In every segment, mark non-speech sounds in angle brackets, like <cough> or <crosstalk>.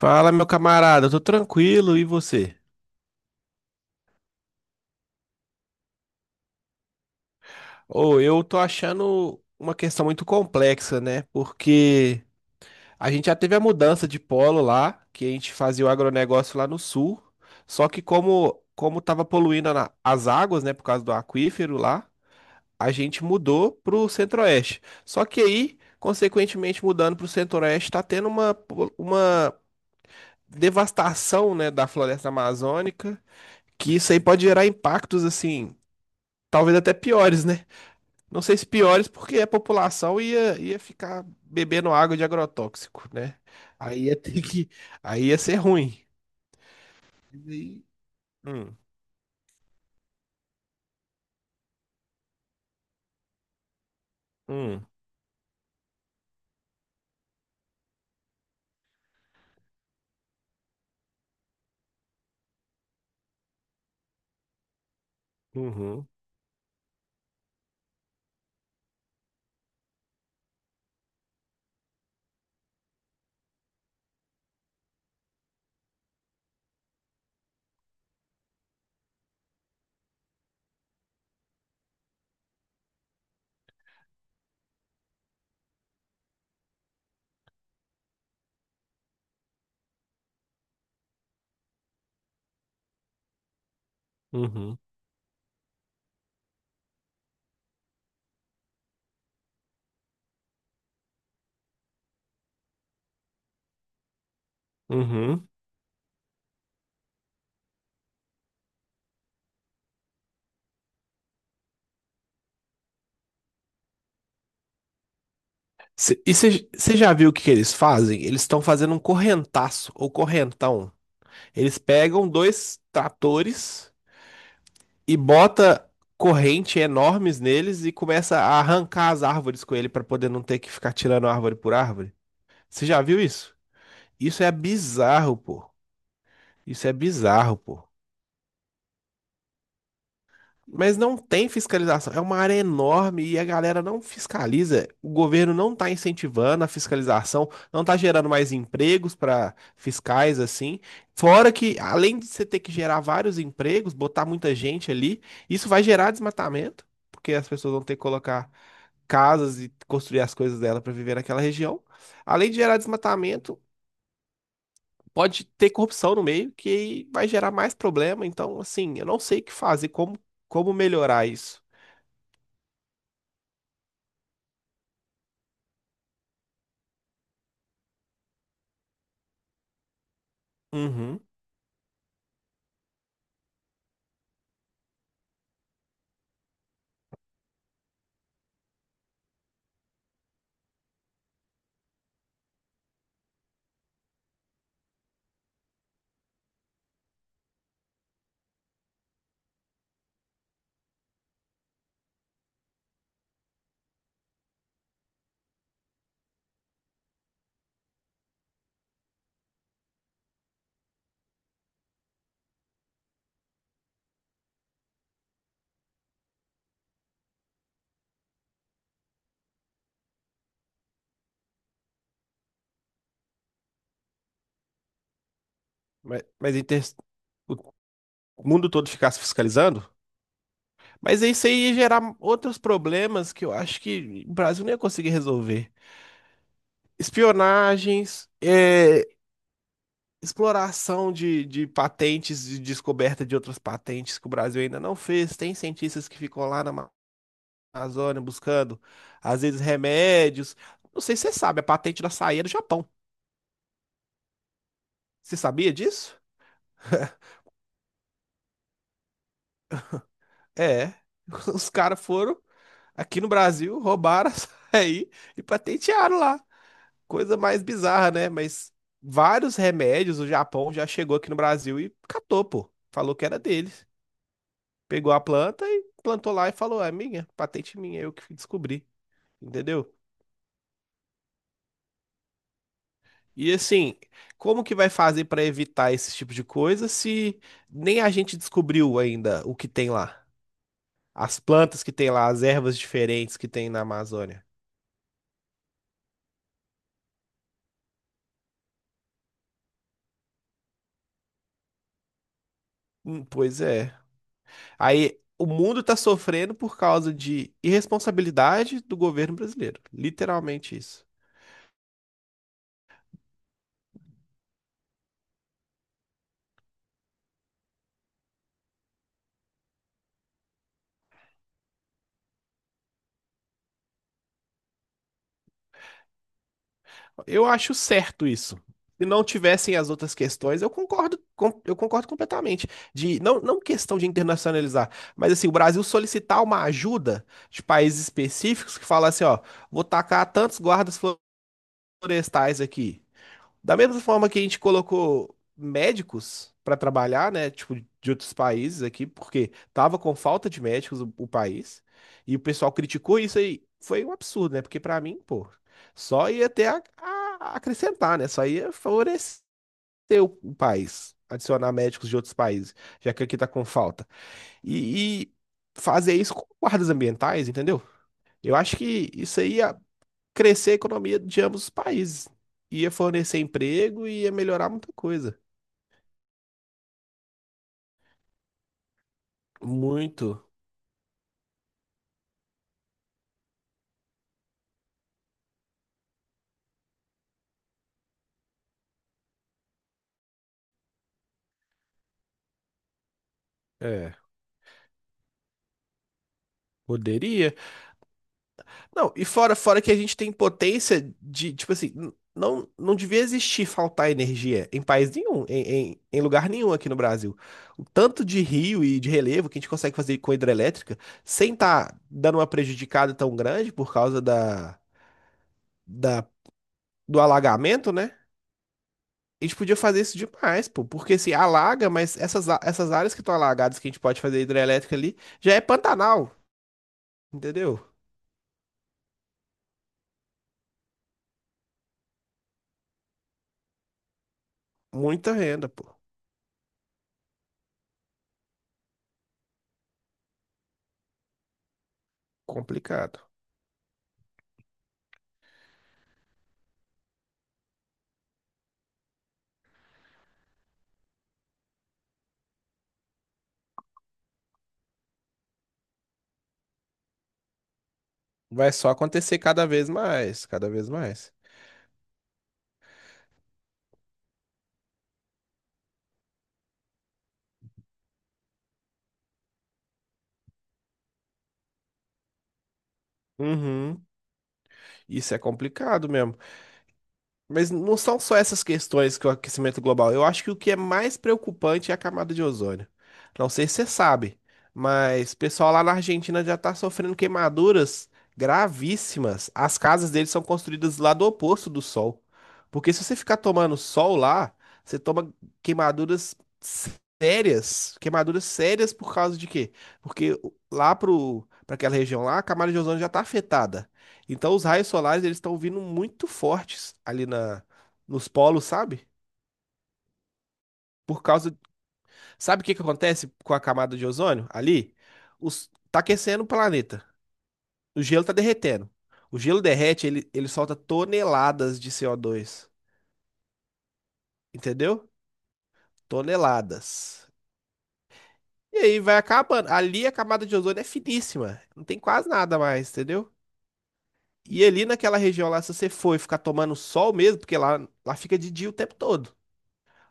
Fala, meu camarada, eu tô tranquilo, e você? Ô, eu tô achando uma questão muito complexa, né? Porque a gente já teve a mudança de polo lá, que a gente fazia o agronegócio lá no sul, só que como tava poluindo a as águas, né, por causa do aquífero lá, a gente mudou pro centro-oeste. Só que aí, consequentemente, mudando pro centro-oeste, tá tendo uma, uma devastação, né, da floresta amazônica, que isso aí pode gerar impactos, assim. Talvez até piores, né? Não sei se piores, porque a população ia ficar bebendo água de agrotóxico, né? Aí ia ter que. Aí ia ser ruim. E- Hum, hum, uhum, uhum, uhum. E você já viu o que que eles fazem? Eles estão fazendo um correntaço ou correntão. Eles pegam dois tratores e bota corrente enormes neles e começa a arrancar as árvores com ele para poder não ter que ficar tirando árvore por árvore. Você já viu isso? Isso é bizarro, pô. Isso é bizarro, pô. Mas não tem fiscalização. É uma área enorme e a galera não fiscaliza. O governo não está incentivando a fiscalização, não está gerando mais empregos para fiscais assim. Fora que, além de você ter que gerar vários empregos, botar muita gente ali, isso vai gerar desmatamento, porque as pessoas vão ter que colocar casas e construir as coisas dela para viver naquela região. Além de gerar desmatamento, pode ter corrupção no meio que vai gerar mais problema. Então, assim, eu não sei o que fazer, como, como melhorar isso. Uhum. Mas o mundo todo ficar se fiscalizando? Mas isso aí ia gerar outros problemas que eu acho que o Brasil não ia conseguir resolver. Espionagens, é, exploração de patentes e descoberta de outras patentes que o Brasil ainda não fez. Tem cientistas que ficam lá na Amazônia buscando, às vezes, remédios. Não sei se você sabe, a patente da açaí é do Japão. Você sabia disso? <laughs> É. Os caras foram aqui no Brasil, roubaram a <laughs> açaí e patentearam lá. Coisa mais bizarra, né? Mas vários remédios o Japão já chegou aqui no Brasil e catou, pô. Falou que era deles. Pegou a planta e plantou lá e falou: é minha, patente minha, eu que descobri. Entendeu? E assim, como que vai fazer para evitar esse tipo de coisa se nem a gente descobriu ainda o que tem lá? As plantas que tem lá, as ervas diferentes que tem na Amazônia. Pois é. Aí o mundo tá sofrendo por causa de irresponsabilidade do governo brasileiro. Literalmente isso. Eu acho certo isso. Se não tivessem as outras questões, eu concordo, eu concordo completamente. De não, não questão de internacionalizar, mas assim, o Brasil solicitar uma ajuda de países específicos que fala assim, ó, vou tacar tantos guardas florestais aqui. Da mesma forma que a gente colocou médicos para trabalhar, né, tipo, de outros países aqui, porque tava com falta de médicos o país, e o pessoal criticou isso aí. Foi um absurdo, né? Porque para mim, pô, só ia ter a acrescentar, né? Só ia favorecer o país, adicionar médicos de outros países, já que aqui tá com falta. E fazer isso com guardas ambientais, entendeu? Eu acho que isso aí crescer a economia de ambos os países. Ia fornecer emprego e ia melhorar muita coisa. Muito. É, poderia. Não, e fora que a gente tem potência de, tipo assim, não, não devia existir faltar energia em país nenhum, em, em lugar nenhum aqui no Brasil. O tanto de rio e de relevo que a gente consegue fazer com hidrelétrica sem estar dando uma prejudicada tão grande por causa da, do alagamento, né? A gente podia fazer isso demais, pô, porque assim, alaga, mas essas, essas áreas que estão alagadas que a gente pode fazer hidrelétrica ali, já é Pantanal, entendeu? Muita renda, pô. Complicado. Vai só acontecer cada vez mais, cada vez mais. Uhum. Isso é complicado mesmo. Mas não são só essas questões que o aquecimento global. Eu acho que o que é mais preocupante é a camada de ozônio. Não sei se você sabe, mas o pessoal lá na Argentina já está sofrendo queimaduras gravíssimas. As casas deles são construídas lá do oposto do sol. Porque se você ficar tomando sol lá, você toma queimaduras sérias. Queimaduras sérias por causa de quê? Porque lá para aquela região lá, a camada de ozônio já está afetada. Então os raios solares eles estão vindo muito fortes ali na nos polos, sabe? Por causa, sabe o que que acontece com a camada de ozônio ali? Os tá aquecendo o planeta. O gelo tá derretendo. O gelo derrete, ele solta toneladas de CO2, entendeu? Toneladas. E aí vai acabando. Ali a camada de ozônio é finíssima, não tem quase nada mais, entendeu? E ali naquela região lá, se você for e ficar tomando sol mesmo, porque lá, lá fica de dia o tempo todo.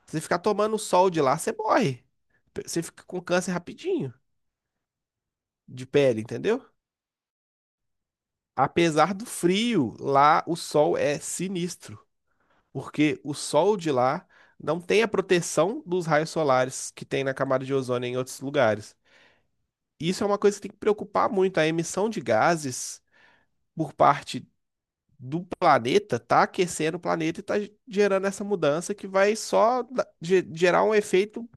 Se você ficar tomando sol de lá, você morre. Você fica com câncer rapidinho de pele, entendeu? Apesar do frio, lá o sol é sinistro, porque o sol de lá não tem a proteção dos raios solares que tem na camada de ozônio em outros lugares. Isso é uma coisa que tem que preocupar muito, a emissão de gases por parte do planeta tá aquecendo o planeta e tá gerando essa mudança que vai só gerar um efeito,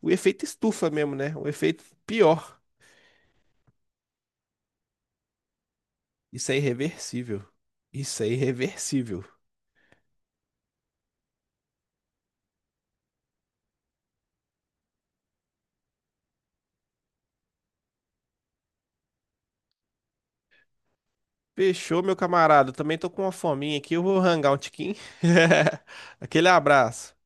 o efeito estufa mesmo, né? Um efeito pior. Isso é irreversível. Isso é irreversível. Fechou, meu camarada. Eu também tô com uma fominha aqui. Eu vou rangar um tiquinho. <laughs> Aquele abraço.